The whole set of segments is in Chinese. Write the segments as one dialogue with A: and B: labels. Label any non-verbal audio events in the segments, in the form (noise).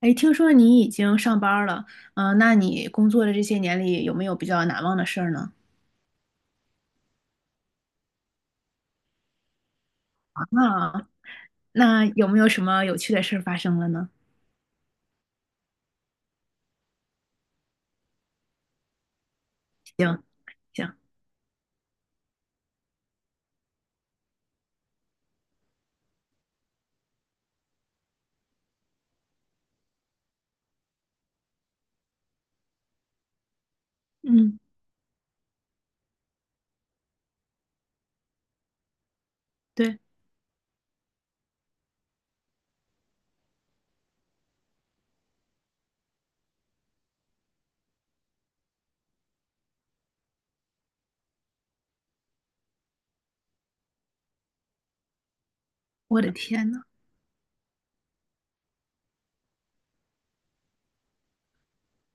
A: 哎，听说你已经上班儿了，那你工作的这些年里有没有比较难忘的事儿呢？啊，那有没有什么有趣的事儿发生了呢？行，行，嗯，对，我的天呐，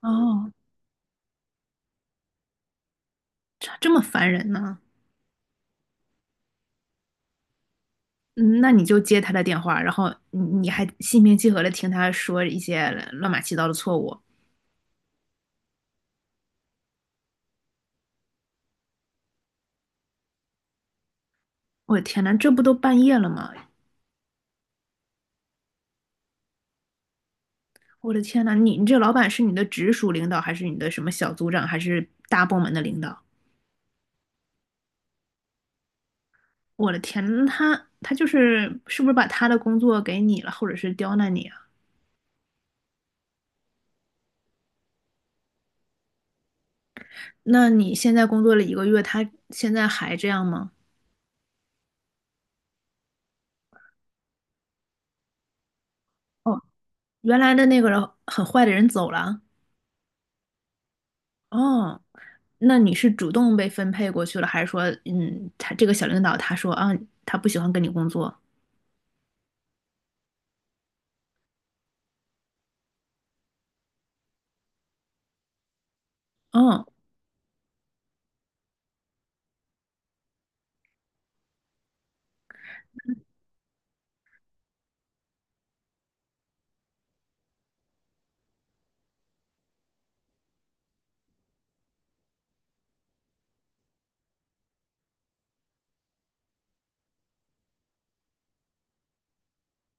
A: 哦，这么烦人呢？嗯，那你就接他的电话，然后你还心平气和的听他说一些乱码七糟的错误。我的天呐，这不都半夜了吗？我的天呐，你这老板是你的直属领导，还是你的什么小组长，还是大部门的领导？我的天，那他就是是不是把他的工作给你了，或者是刁难你啊？那你现在工作了一个月，他现在还这样吗？哦，原来的那个人很坏的人走了。哦，那你是主动被分配过去了，还是说，嗯，他这个小领导他说啊，他不喜欢跟你工作？哦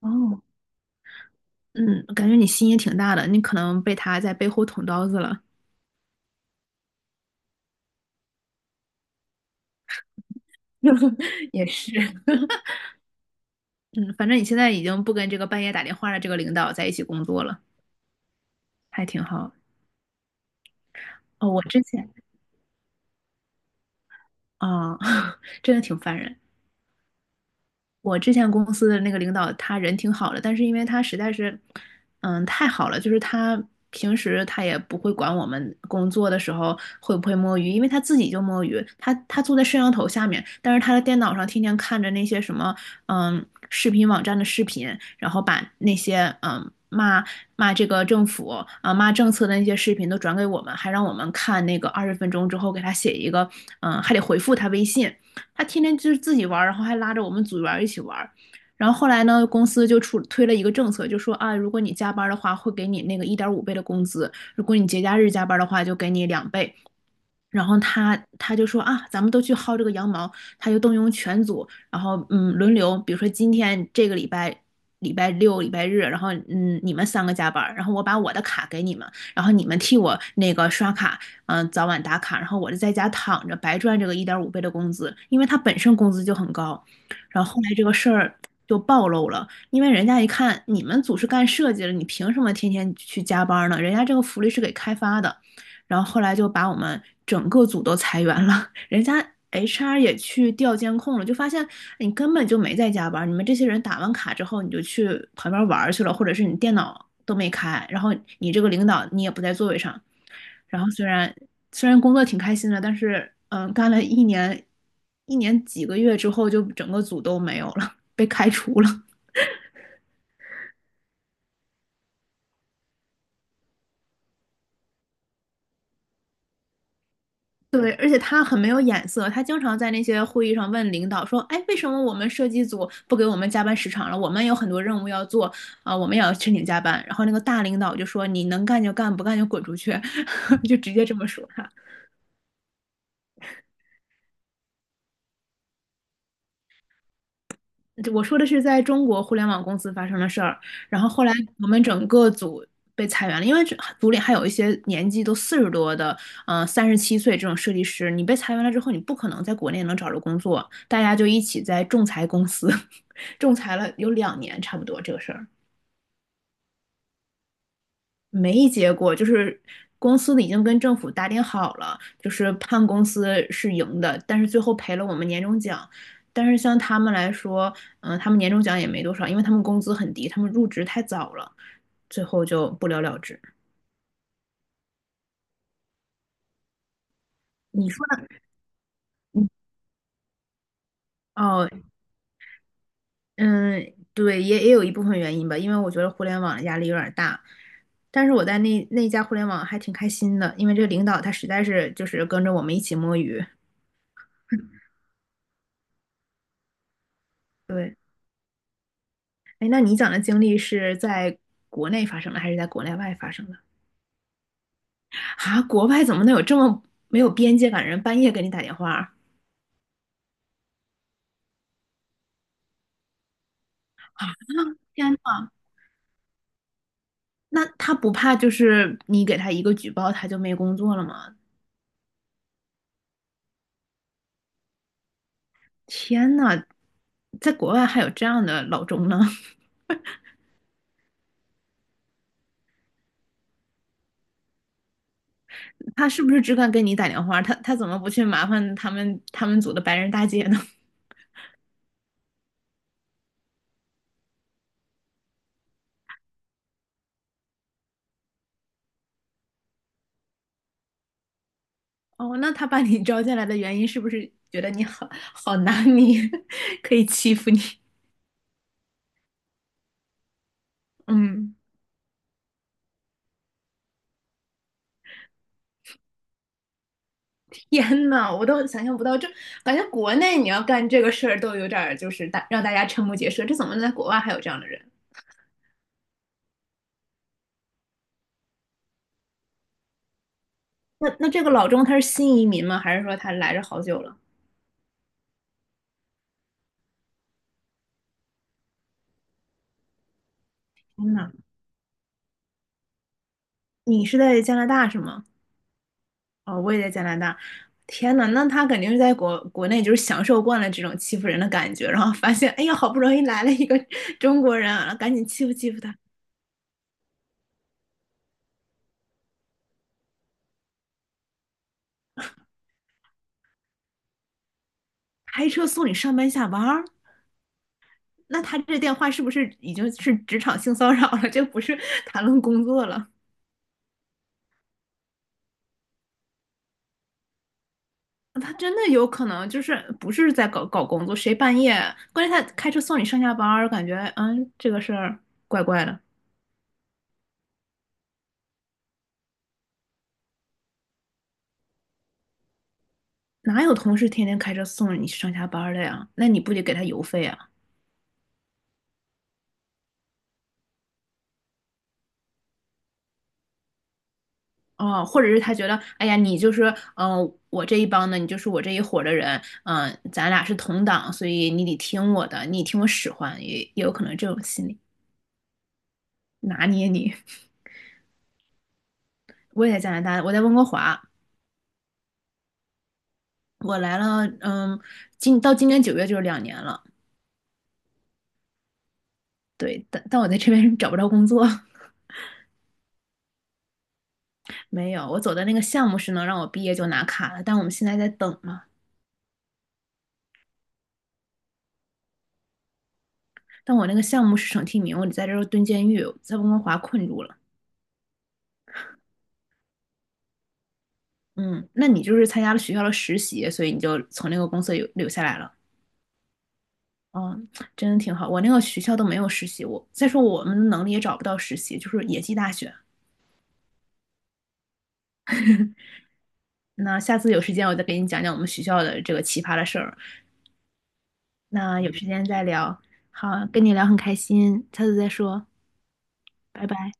A: 哦，嗯，感觉你心也挺大的，你可能被他在背后捅刀子了。(laughs) 也是，(laughs) 嗯，反正你现在已经不跟这个半夜打电话的这个领导在一起工作了，还挺好。哦，我之前啊，(laughs) 真的挺烦人。我之前公司的那个领导，他人挺好的，但是因为他实在是，嗯，太好了，就是他平时他也不会管我们工作的时候会不会摸鱼，因为他自己就摸鱼，他坐在摄像头下面，但是他的电脑上天天看着那些什么，视频网站的视频，然后把那些骂这个政府啊骂政策的那些视频都转给我们，还让我们看那个20分钟之后给他写一个，还得回复他微信。他天天就是自己玩然后还拉着我们组员一起玩然后后来呢，公司就出推了一个政策，就说啊，如果你加班的话，会给你那个一点五倍的工资；如果你节假日加班的话，就给你2倍。然后他就说啊，咱们都去薅这个羊毛，他就动用全组，然后轮流，比如说今天这个礼拜六、礼拜日，然后你们三个加班儿，然后我把我的卡给你们，然后你们替我那个刷卡，早晚打卡，然后我就在家躺着白赚这个一点五倍的工资，因为他本身工资就很高，然后后来这个事儿就暴露了，因为人家一看你们组是干设计的，你凭什么天天去加班儿呢？人家这个福利是给开发的。然后后来就把我们整个组都裁员了，(laughs) 人家 HR 也去调监控了，就发现哎你根本就没在加班，你们这些人打完卡之后你就去旁边玩去了，或者是你电脑都没开，然后你这个领导你也不在座位上，然后虽然工作挺开心的，但是干了一年几个月之后，就整个组都没有了，被开除了。对，而且他很没有眼色，他经常在那些会议上问领导说：“哎，为什么我们设计组不给我们加班时长了？我们有很多任务要做啊、我们也要申请加班。”然后那个大领导就说：“你能干就干，不干就滚出去。” (laughs) 就直接这么说他。我说的是在中国互联网公司发生的事儿，然后后来我们整个组被裁员了，因为这组里还有一些年纪都40多的，37岁这种设计师，你被裁员了之后，你不可能在国内能找着工作，大家就一起在仲裁公司。仲裁了有两年差不多这个事儿没结果，就是公司的已经跟政府打点好了，就是判公司是赢的，但是最后赔了我们年终奖。但是像他们来说，嗯，他们年终奖也没多少，因为他们工资很低，他们入职太早了，最后就不了了之。你说的，嗯哦，嗯，对，也有一部分原因吧，因为我觉得互联网的压力有点大。但是我在那家互联网还挺开心的，因为这个领导他实在是就是跟着我们一起摸鱼。对，哎，那你讲的经历是在国内发生的，还是在国内外发生的？啊，国外怎么能有这么没有边界感的人半夜给你打电话？啊天呐，那他不怕就是你给他一个举报，他就没工作了吗？天呐，在国外还有这样的老钟呢？(laughs) 他是不是只敢给你打电话？他怎么不去麻烦他们组的白人大姐呢？(laughs) 哦，那他把你招进来的原因是不是觉得你好拿捏，(laughs) 可以欺负你？(laughs) 嗯。天呐，我都想象不到，这，感觉国内你要干这个事儿都有点儿就是让大家瞠目结舌，这怎么能在国外还有这样的人？那这个老钟他是新移民吗？还是说他来这好久了？天呐，你是在加拿大是吗？哦，我也在加拿大。天呐，那他肯定是在国内就是享受惯了这种欺负人的感觉，然后发现哎呀，好不容易来了一个中国人啊，赶紧欺负欺负他，开车送你上班下班儿。那他这电话是不是已经是职场性骚扰了？这不是谈论工作了。他真的有可能就是不是在搞工作，谁半夜？关键他开车送你上下班儿，感觉这个事儿怪怪的。哪有同事天天开车送你上下班儿的呀？那你不得给他油费啊？哦，或者是他觉得，哎呀，你就是我这一帮的，你就是我这一伙的人，咱俩是同党，所以你得听我的，你听我使唤，也有可能这种心理拿捏你。(laughs) 我也在加拿大，我在温哥华，我来了，到今年九月就是两年了。对，但我在这边找不着工作，(laughs) 没有。我走的那个项目是能让我毕业就拿卡的，但我们现在在等嘛。但我那个项目是省提名，我得在这儿蹲监狱，在温哥华困住了。嗯，那你就是参加了学校的实习，所以你就从那个公司留下来了。嗯，真的挺好。我那个学校都没有实习，我再说我们能力也找不到实习，就是野鸡大学。那下次有时间我再给你讲讲我们学校的这个奇葩的事儿。那有时间再聊。好，跟你聊很开心，下次再说，拜拜。